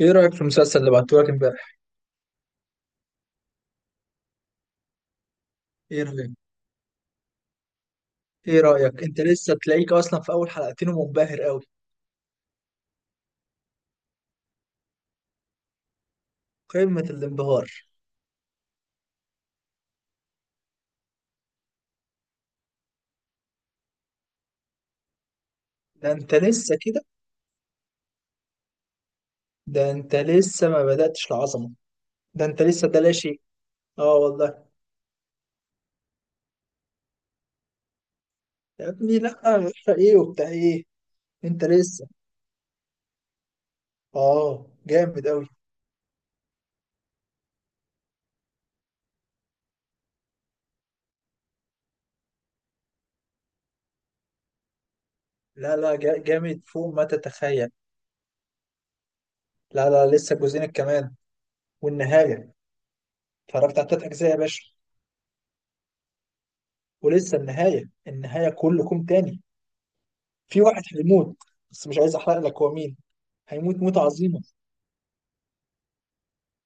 ايه رأيك في المسلسل اللي بعتهولك امبارح؟ ايه رأيك؟ ايه رأيك؟ انت لسه تلاقيك اصلا في اول حلقتين ومنبهر قوي، قمة الانبهار. ده انت لسه كده؟ ده انت لسه ما بدأتش العظمة، ده انت لسه ده لا شيء. اه والله. يا ابني لا. ايه وبتاع ايه؟ انت لسه، اه جامد قوي. لا لا جامد فوق ما تتخيل. لا لا لسه جوزينك كمان. والنهاية، اتفرجت على تلات اجزاء يا باشا. ولسه النهاية، النهاية كله كوم تاني. في واحد هيموت، بس مش عايز احرق لك هو مين. هيموت موتة عظيمة،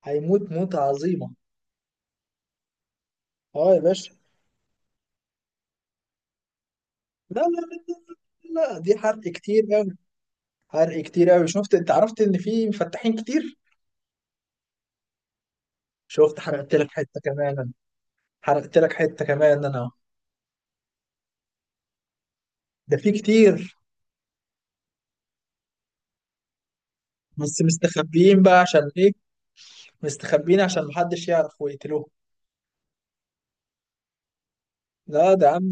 هيموت موتة عظيمة. اه يا باشا. لا لا لا، لا دي حرق كتير قوي. حرق كتير قوي، شفت؟ انت عرفت ان في مفتحين كتير. شفت، حرقت لك حتة كمان أنا. حرقت لك حتة كمان انا. ده في كتير. بس مستخبيين بقى عشان ايه؟ مستخبيين عشان محدش يعرف ويقتلوه. لا ده يا عم،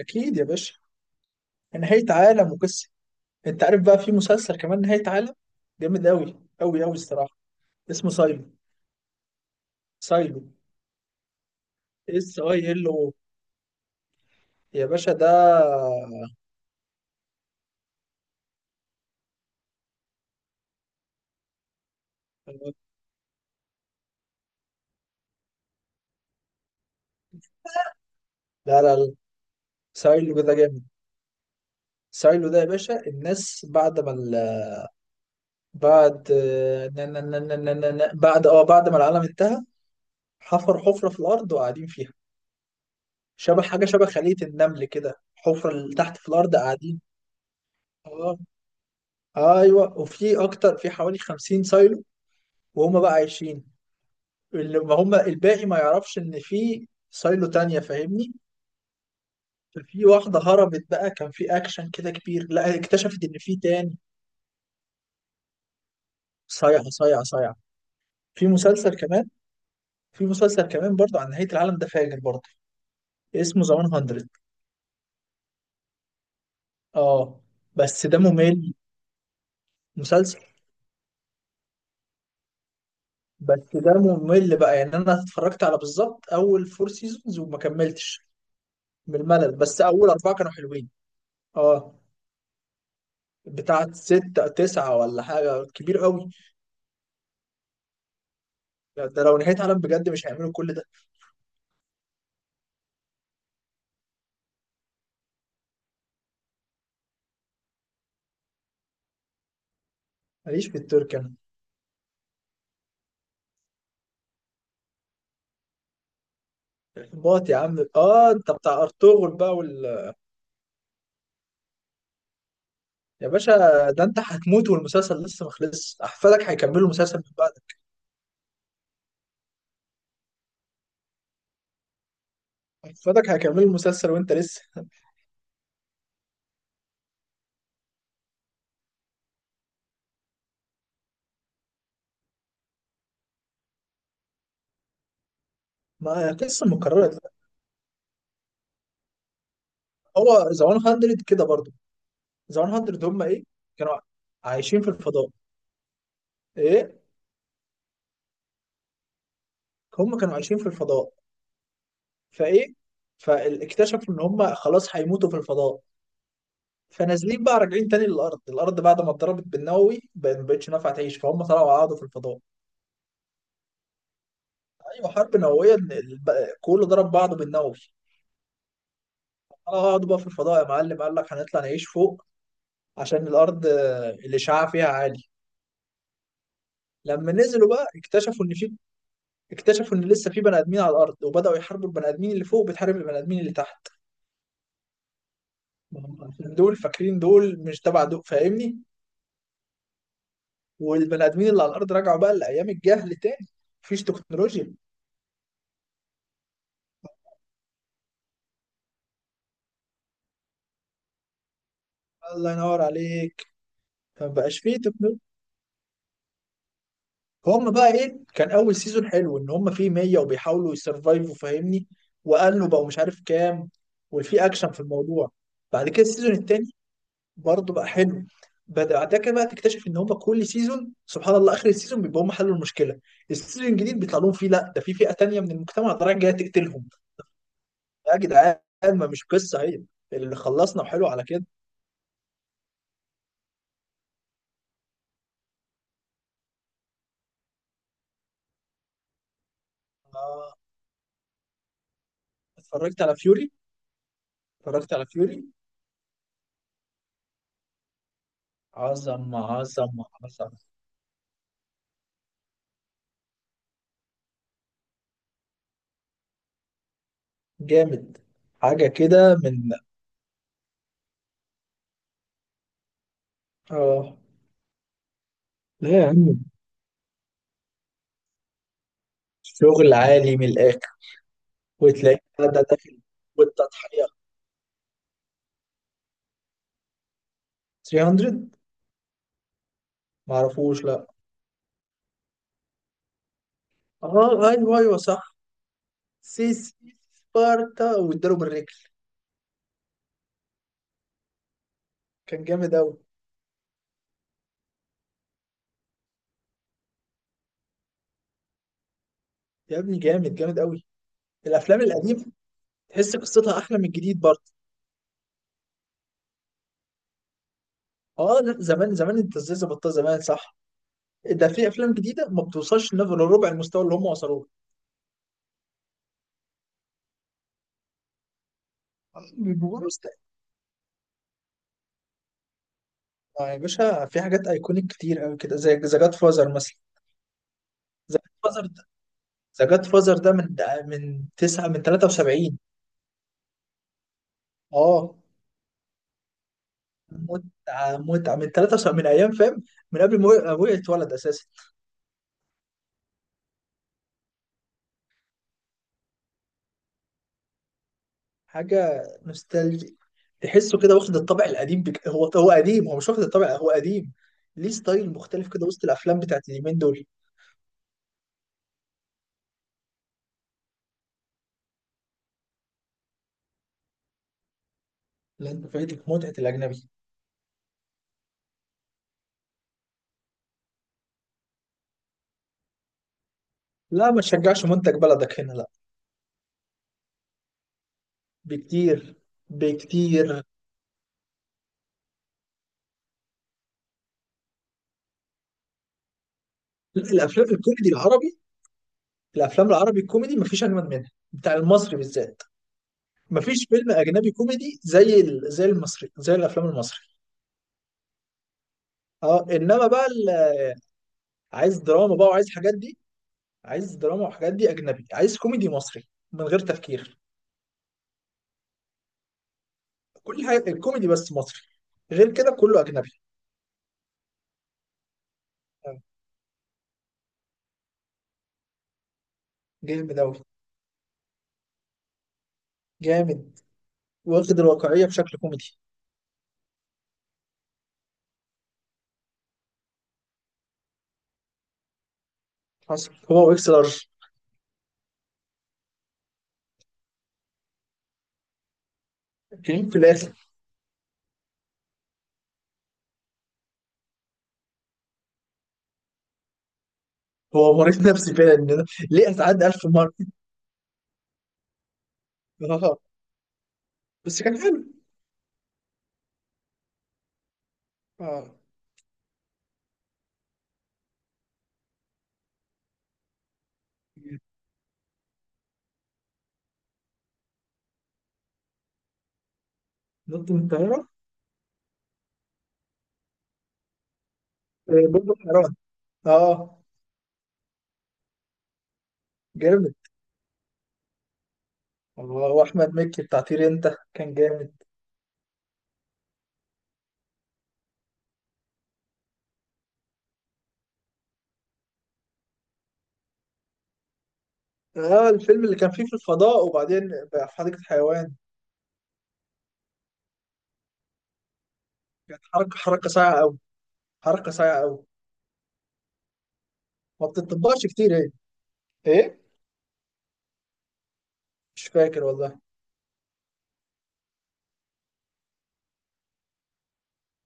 اكيد يا باشا. نهاية عالم وقصة. انت عارف بقى في مسلسل كمان نهاية عالم، جامد قوي قوي قوي الصراحة. اسمه سايلنت. سايلو. اس اي ال او. يا باشا ده. لا لا لا. سايلو ده جامد. سايلو ده يا باشا، الناس بعد ما ال... بعد نا- نا- نا- نا- نا- نا- نا- بعد ما العالم انتهى حفر حفرة في الأرض وقاعدين فيها. شبه حاجة شبه خلية النمل كده، حفرة اللي تحت في الأرض قاعدين. اه. ايوه، وفي أكتر، في حوالي 50 سايلو. وهم بقى عايشين. اللي ما هم الباقي ما يعرفش إن في سايلو تانية، فاهمني؟ ففي واحدة هربت بقى، كان في أكشن كده كبير، لا اكتشفت إن في تاني. صايعة صايعة صايعة. في مسلسل كمان. في مسلسل كمان برضه عن نهاية العالم، ده فاجر برضه. اسمه ذا 100. اه. بس ده ممل. مسلسل. بس ده ممل بقى، يعني أنا اتفرجت على بالظبط أول فور سيزونز وما كملتش من الملل، بس أول أربعة كانوا حلوين. اه. بتاعت ستة، تسعة، ولا حاجة كبير قوي. ده لو نهاية عالم بجد مش هيعملوا كل ده. ماليش في التركي. موت يا عم. اه، انت بتاع ارطغرل بقى يا باشا. ده انت هتموت والمسلسل لسه ما خلصش، احفادك هيكملوا المسلسل من بعدك. احفادك هيكملوا المسلسل وانت لسه. ما قصه مكرره. هو ذا 100 كده برضه. ذا 100. هم ايه. كانوا عايشين في الفضاء. ايه. هم كانوا عايشين في الفضاء، فايه، فاكتشفوا ان هم خلاص هيموتوا في الفضاء، فنازلين بقى راجعين تاني للارض. الارض بعد ما اتضربت بالنووي ما بقتش نافعه تعيش، فهم طلعوا قعدوا في الفضاء. ايوه حرب نوويه، إن كله ضرب بعضه بالنووي. هقعدوا بقى في الفضاء يا معلم، قال لك هنطلع نعيش فوق عشان الارض الاشعاع فيها عالي. لما نزلوا بقى اكتشفوا ان في، اكتشفوا ان لسه في بني ادمين على الارض، وبداوا يحاربوا البني ادمين اللي فوق بتحارب البني ادمين اللي تحت. ما هم عشان دول فاكرين دول مش تبع دول، فاهمني؟ والبني ادمين اللي على الارض رجعوا بقى لايام الجهل تاني. مفيش تكنولوجيا. الله ينور عليك. ما بقاش فيه تكنولوجيا. فهم بقى ايه، كان اول سيزون حلو ان هم فيه 100 وبيحاولوا يسرفايفوا، فاهمني؟ وقالوا بقوا مش عارف كام، وفي اكشن في الموضوع. بعد كده السيزون التاني برضه بقى حلو. بعد كده بقى تكتشف ان هم كل سيزون سبحان الله اخر السيزون بيبقى هم حلوا المشكله، السيزون الجديد بيطلع لهم فيه لا ده في فئه تانيه من المجتمع طالعه جايه تقتلهم. يا جدعان. ما مش قصه هي اللي خلصنا وحلو على كده. آه، اتفرجت على فيوري. اتفرجت على فيوري. عظمه عظمه عظمه. جامد. حاجة كده من. اه. لا يا عم. شغل عالي من الآخر. وتلاقي ده داخل، والتضحية. 300. معرفوش لا. اه ايوه ايوه صح. سيسي. سبارتا واداله بالرجل. كان جامد أوي. يا ابني جامد جامد أوي. الأفلام القديمة تحس قصتها أحلى من الجديد برضه. اه، لا زمان زمان، أنت إزاي ظبطتها زمان، صح. ده في أفلام جديدة ما بتوصلش لنفس ربع المستوى اللي هم وصلوه. له. آه يا باشا، في حاجات ايكونيك كتير قوي كده زي ذا جاد فازر مثلا. ذا جاد فازر ده ذا جاد فازر ده من تسعة من 73. اه. متعة متعة من 73، من ايام، فاهم. من قبل ما ابويا يتولد اساسا. حاجة نوستالجي، تحسه كده واخد الطابع القديم هو قديم، هو مش واخد الطابع، هو قديم. ليه ستايل مختلف كده وسط الافلام بتاعت اليومين دول. لا انت فايتك متعة الاجنبي. لا ما تشجعش منتج بلدك هنا، لا. بكتير بكتير. الافلام الكوميدي العربي. الافلام العربي الكوميدي مفيش اجمد منها، بتاع المصري بالذات. مفيش فيلم اجنبي كوميدي زي المصري، زي الافلام المصري. اه انما بقى عايز دراما بقى وعايز حاجات دي. عايز دراما وحاجات دي اجنبي، عايز كوميدي مصري من غير تفكير. كل حاجه الكوميدي بس مصري. غير كده كله اجنبي. آه، جامد اوي. جامد. واخد الواقعيه بشكل كوميدي. حصل هو واكس لارج. كريم في الاخر. هو مريض نفسي فعلا، إن ليه اتعدى 1000 مره. اه. بس كان حلو. اه. نط من الطياره. بوب حيران. اه. جامد. الله، واحمد مكي بتاع طير انت كان جامد. اه الفيلم اللي كان فيه في الفضاء وبعدين بقى في حديقة حيوان. كانت حركة، حركة صايعة قوي، حركة صايعة قوي. ما بتطبقش كتير، ايه؟ ايه؟ مش فاكر والله.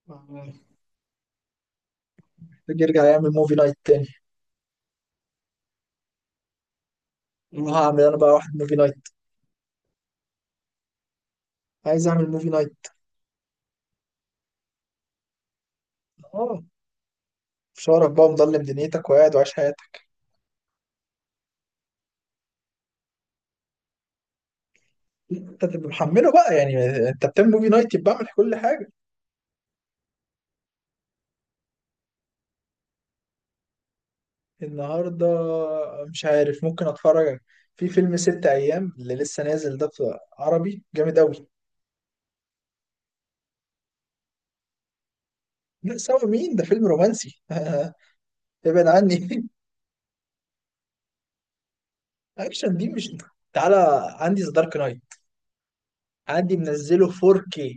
آه، تيجي يرجع يعمل موفي نايت تاني. والله هعمل انا بقى واحد موفي نايت. عايز اعمل موفي نايت. اه، مش هعرف بقى مضلم دنيتك وقاعد وعايش حياتك. انت تبقى محمله بقى يعني. انت بتعمل موفي نايت يبقى اعمل كل حاجة. النهارده، مش عارف، ممكن اتفرج. في فيلم ست ايام اللي لسه نازل ده في عربي جامد قوي. لا سوا مين ده فيلم رومانسي. ابعد عني. اكشن دي مش. تعالى. عندي ذا دارك نايت. عندي منزله 4K.